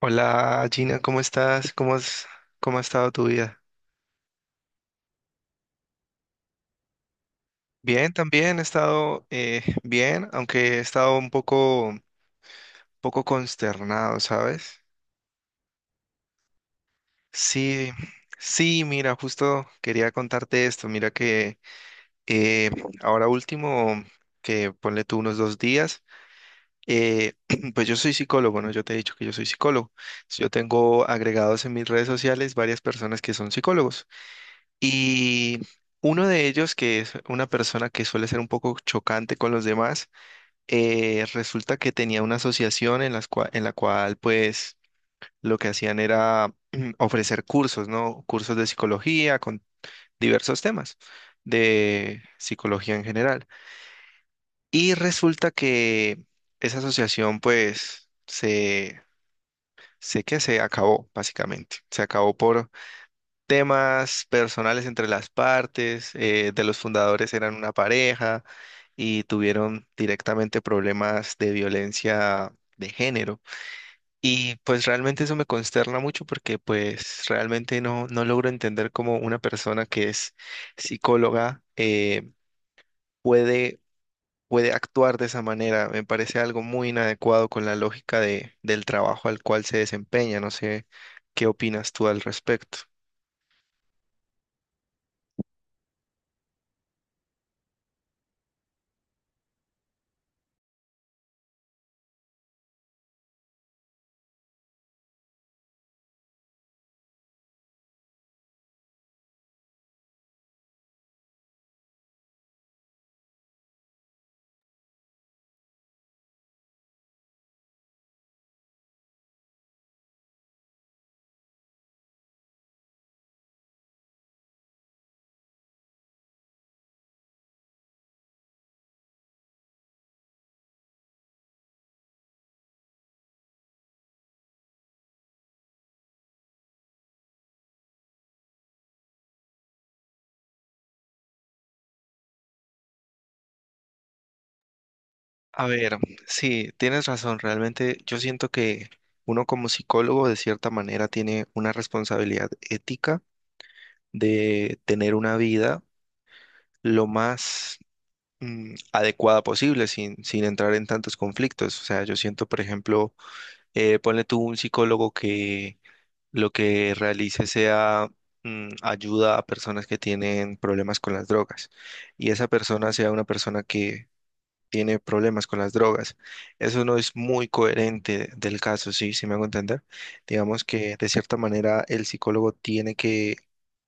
Hola Gina, ¿cómo estás? ¿Cómo ha estado tu vida? Bien, también he estado bien, aunque he estado poco consternado, ¿sabes? Sí, sí, mira, justo quería contarte esto. Mira que eh, ahora último, que ponle tú unos dos días, eh, pues yo soy psicólogo, ¿no? Yo te he dicho que yo soy psicólogo. Yo tengo agregados en mis redes sociales varias personas que son psicólogos. Y uno de ellos, que es una persona que suele ser un poco chocante con los demás, resulta que tenía una asociación en en la cual, pues, lo que hacían era ofrecer cursos, ¿no? Cursos de psicología con diversos temas de psicología en general. Y resulta que esa asociación, sé que se acabó, básicamente. Se acabó por temas personales entre las partes, de los fundadores eran una pareja y tuvieron directamente problemas de violencia de género. Y pues realmente eso me consterna mucho porque pues realmente no logro entender cómo una persona que es psicóloga puede, puede actuar de esa manera. Me parece algo muy inadecuado con la lógica del trabajo al cual se desempeña. No sé qué opinas tú al respecto. A ver, sí, tienes razón. Realmente yo siento que uno como psicólogo de cierta manera tiene una responsabilidad ética de tener una vida lo más adecuada posible sin entrar en tantos conflictos. O sea, yo siento, por ejemplo, ponle tú un psicólogo que lo que realice sea ayuda a personas que tienen problemas con las drogas y esa persona sea una persona que tiene problemas con las drogas. Eso no es muy coherente del caso, sí, sí me hago entender. Digamos que de cierta manera el psicólogo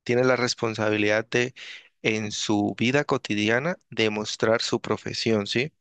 tiene la responsabilidad de en su vida cotidiana demostrar su profesión, ¿sí?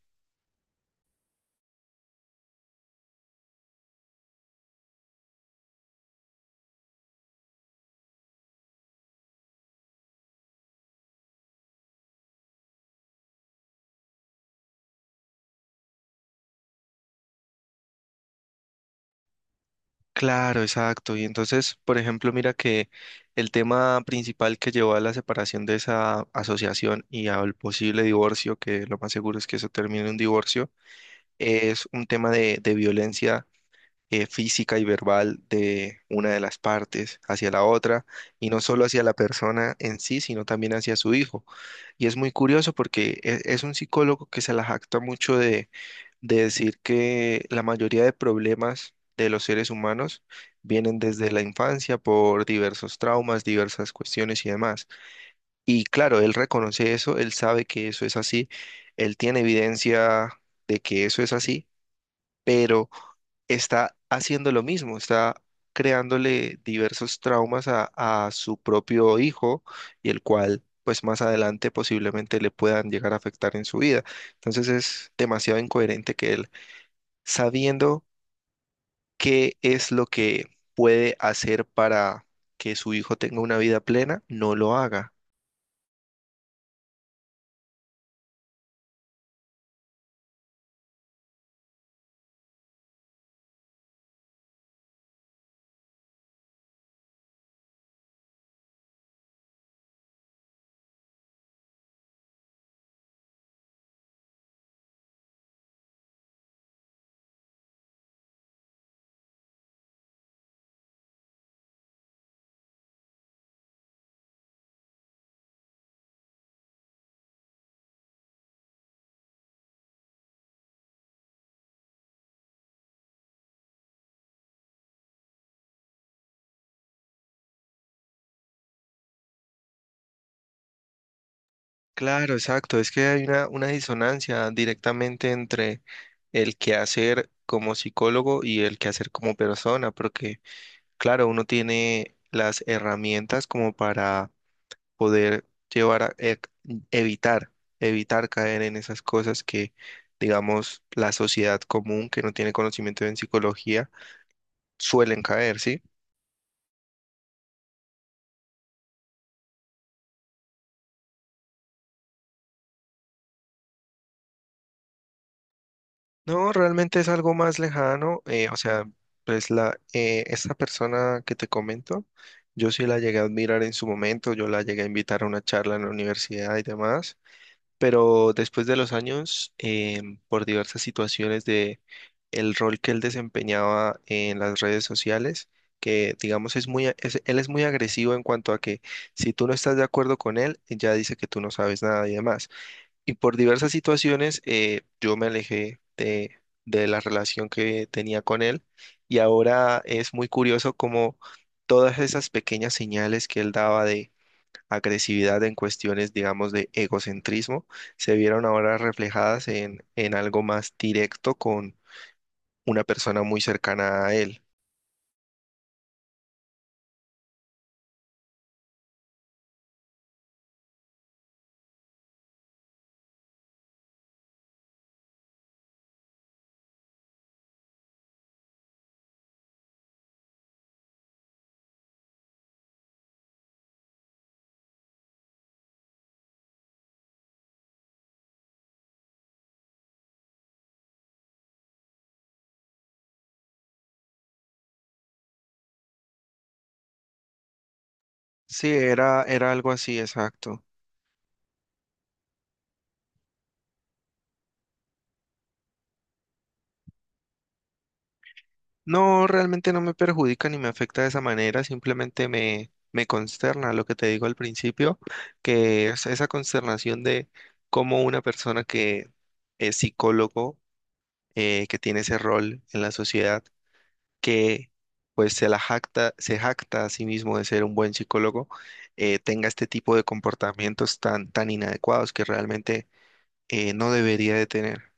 Claro, exacto. Y entonces, por ejemplo, mira que el tema principal que llevó a la separación de esa asociación y al posible divorcio, que lo más seguro es que eso termine en un divorcio, es un tema de violencia física y verbal de una de las partes hacia la otra, y no solo hacia la persona en sí, sino también hacia su hijo. Y es muy curioso porque un psicólogo que se la jacta mucho de decir que la mayoría de problemas de los seres humanos vienen desde la infancia por diversos traumas, diversas cuestiones y demás. Y claro, él reconoce eso, él sabe que eso es así, él tiene evidencia de que eso es así, pero está haciendo lo mismo, está creándole diversos traumas a su propio hijo y el cual pues más adelante posiblemente le puedan llegar a afectar en su vida. Entonces es demasiado incoherente que él, sabiendo qué es lo que puede hacer para que su hijo tenga una vida plena, no lo haga. Claro, exacto. Es que hay una disonancia directamente entre el quehacer como psicólogo y el quehacer como persona, porque claro, uno tiene las herramientas como para poder llevar a e- evitar, evitar caer en esas cosas que, digamos, la sociedad común que no tiene conocimiento en psicología suelen caer, ¿sí? No, realmente es algo más lejano, o sea, pues esa persona que te comento, yo sí la llegué a admirar en su momento, yo la llegué a invitar a una charla en la universidad y demás, pero después de los años, por diversas situaciones de el rol que él desempeñaba en las redes sociales, que digamos es muy, él es muy agresivo en cuanto a que si tú no estás de acuerdo con él, ya dice que tú no sabes nada y demás. Y por diversas situaciones, yo me alejé de la relación que tenía con él y ahora es muy curioso como todas esas pequeñas señales que él daba, agresividad, en cuestiones, digamos, de egocentrismo, se vieron ahora reflejadas en algo más directo con una persona muy cercana a él. Sí, era algo así, exacto. No, realmente no me perjudica ni me afecta de esa manera, simplemente me consterna lo que te digo al principio, que es esa consternación de cómo una persona que es psicólogo, que tiene ese rol en la sociedad, que pues se jacta a sí mismo de ser un buen psicólogo, tenga este tipo de comportamientos tan inadecuados que realmente no debería de tener.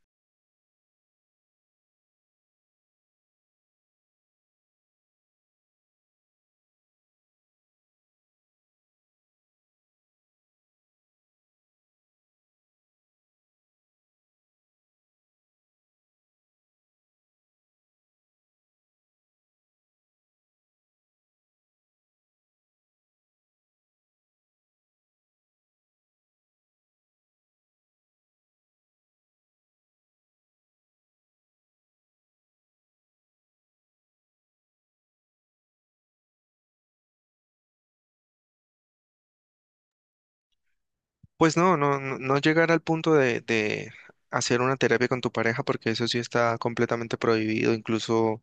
Pues no, no, no llegar al punto de hacer una terapia con tu pareja, porque eso sí está completamente prohibido, incluso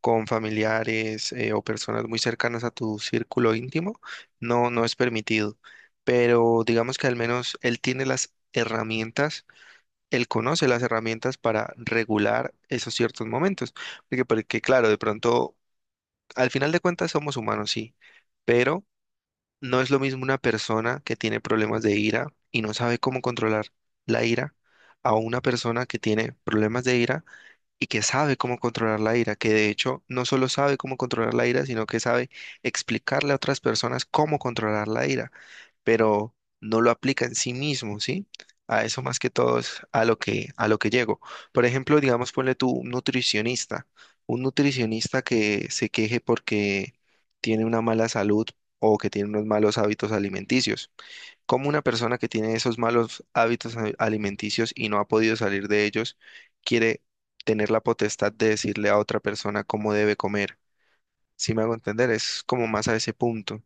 con familiares o personas muy cercanas a tu círculo íntimo, no es permitido. Pero digamos que al menos él tiene las herramientas, él conoce las herramientas para regular esos ciertos momentos. Porque claro, de pronto, al final de cuentas somos humanos, sí, pero no es lo mismo una persona que tiene problemas de ira y no sabe cómo controlar la ira a una persona que tiene problemas de ira y que sabe cómo controlar la ira, que de hecho no solo sabe cómo controlar la ira, sino que sabe explicarle a otras personas cómo controlar la ira, pero no lo aplica en sí mismo, ¿sí? A eso más que todo es a lo a lo que llego. Por ejemplo, digamos, ponle tú un nutricionista que se queje porque tiene una mala salud o que tiene unos malos hábitos alimenticios. ¿Cómo una persona que tiene esos malos alimenticios y no ha podido salir de ellos quiere tener la potestad de decirle a otra persona cómo debe comer? Si me hago entender, es como más a ese punto.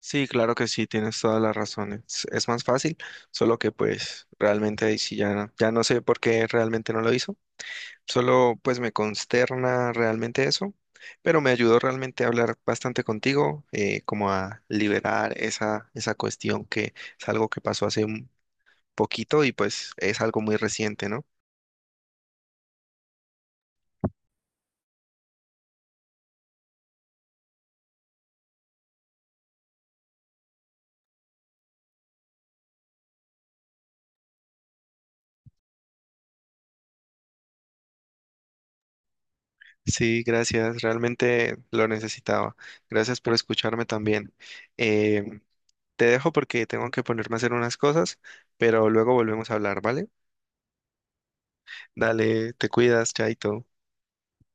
Sí, claro que sí, tienes todas las razones. Es más fácil, solo que pues realmente ahí sí ya, ya no sé por qué realmente no lo hizo. Solo pues me consterna realmente eso, pero me ayudó realmente a hablar bastante contigo, como a liberar esa cuestión que es algo que pasó hace un poquito y pues es algo muy reciente, ¿no? Sí, gracias, realmente lo necesitaba. Gracias por escucharme también. eh, Te dejo porque tengo que ponerme a hacer unas cosas, pero luego volvemos a hablar, ¿vale? Dale, te cuidas, chaito.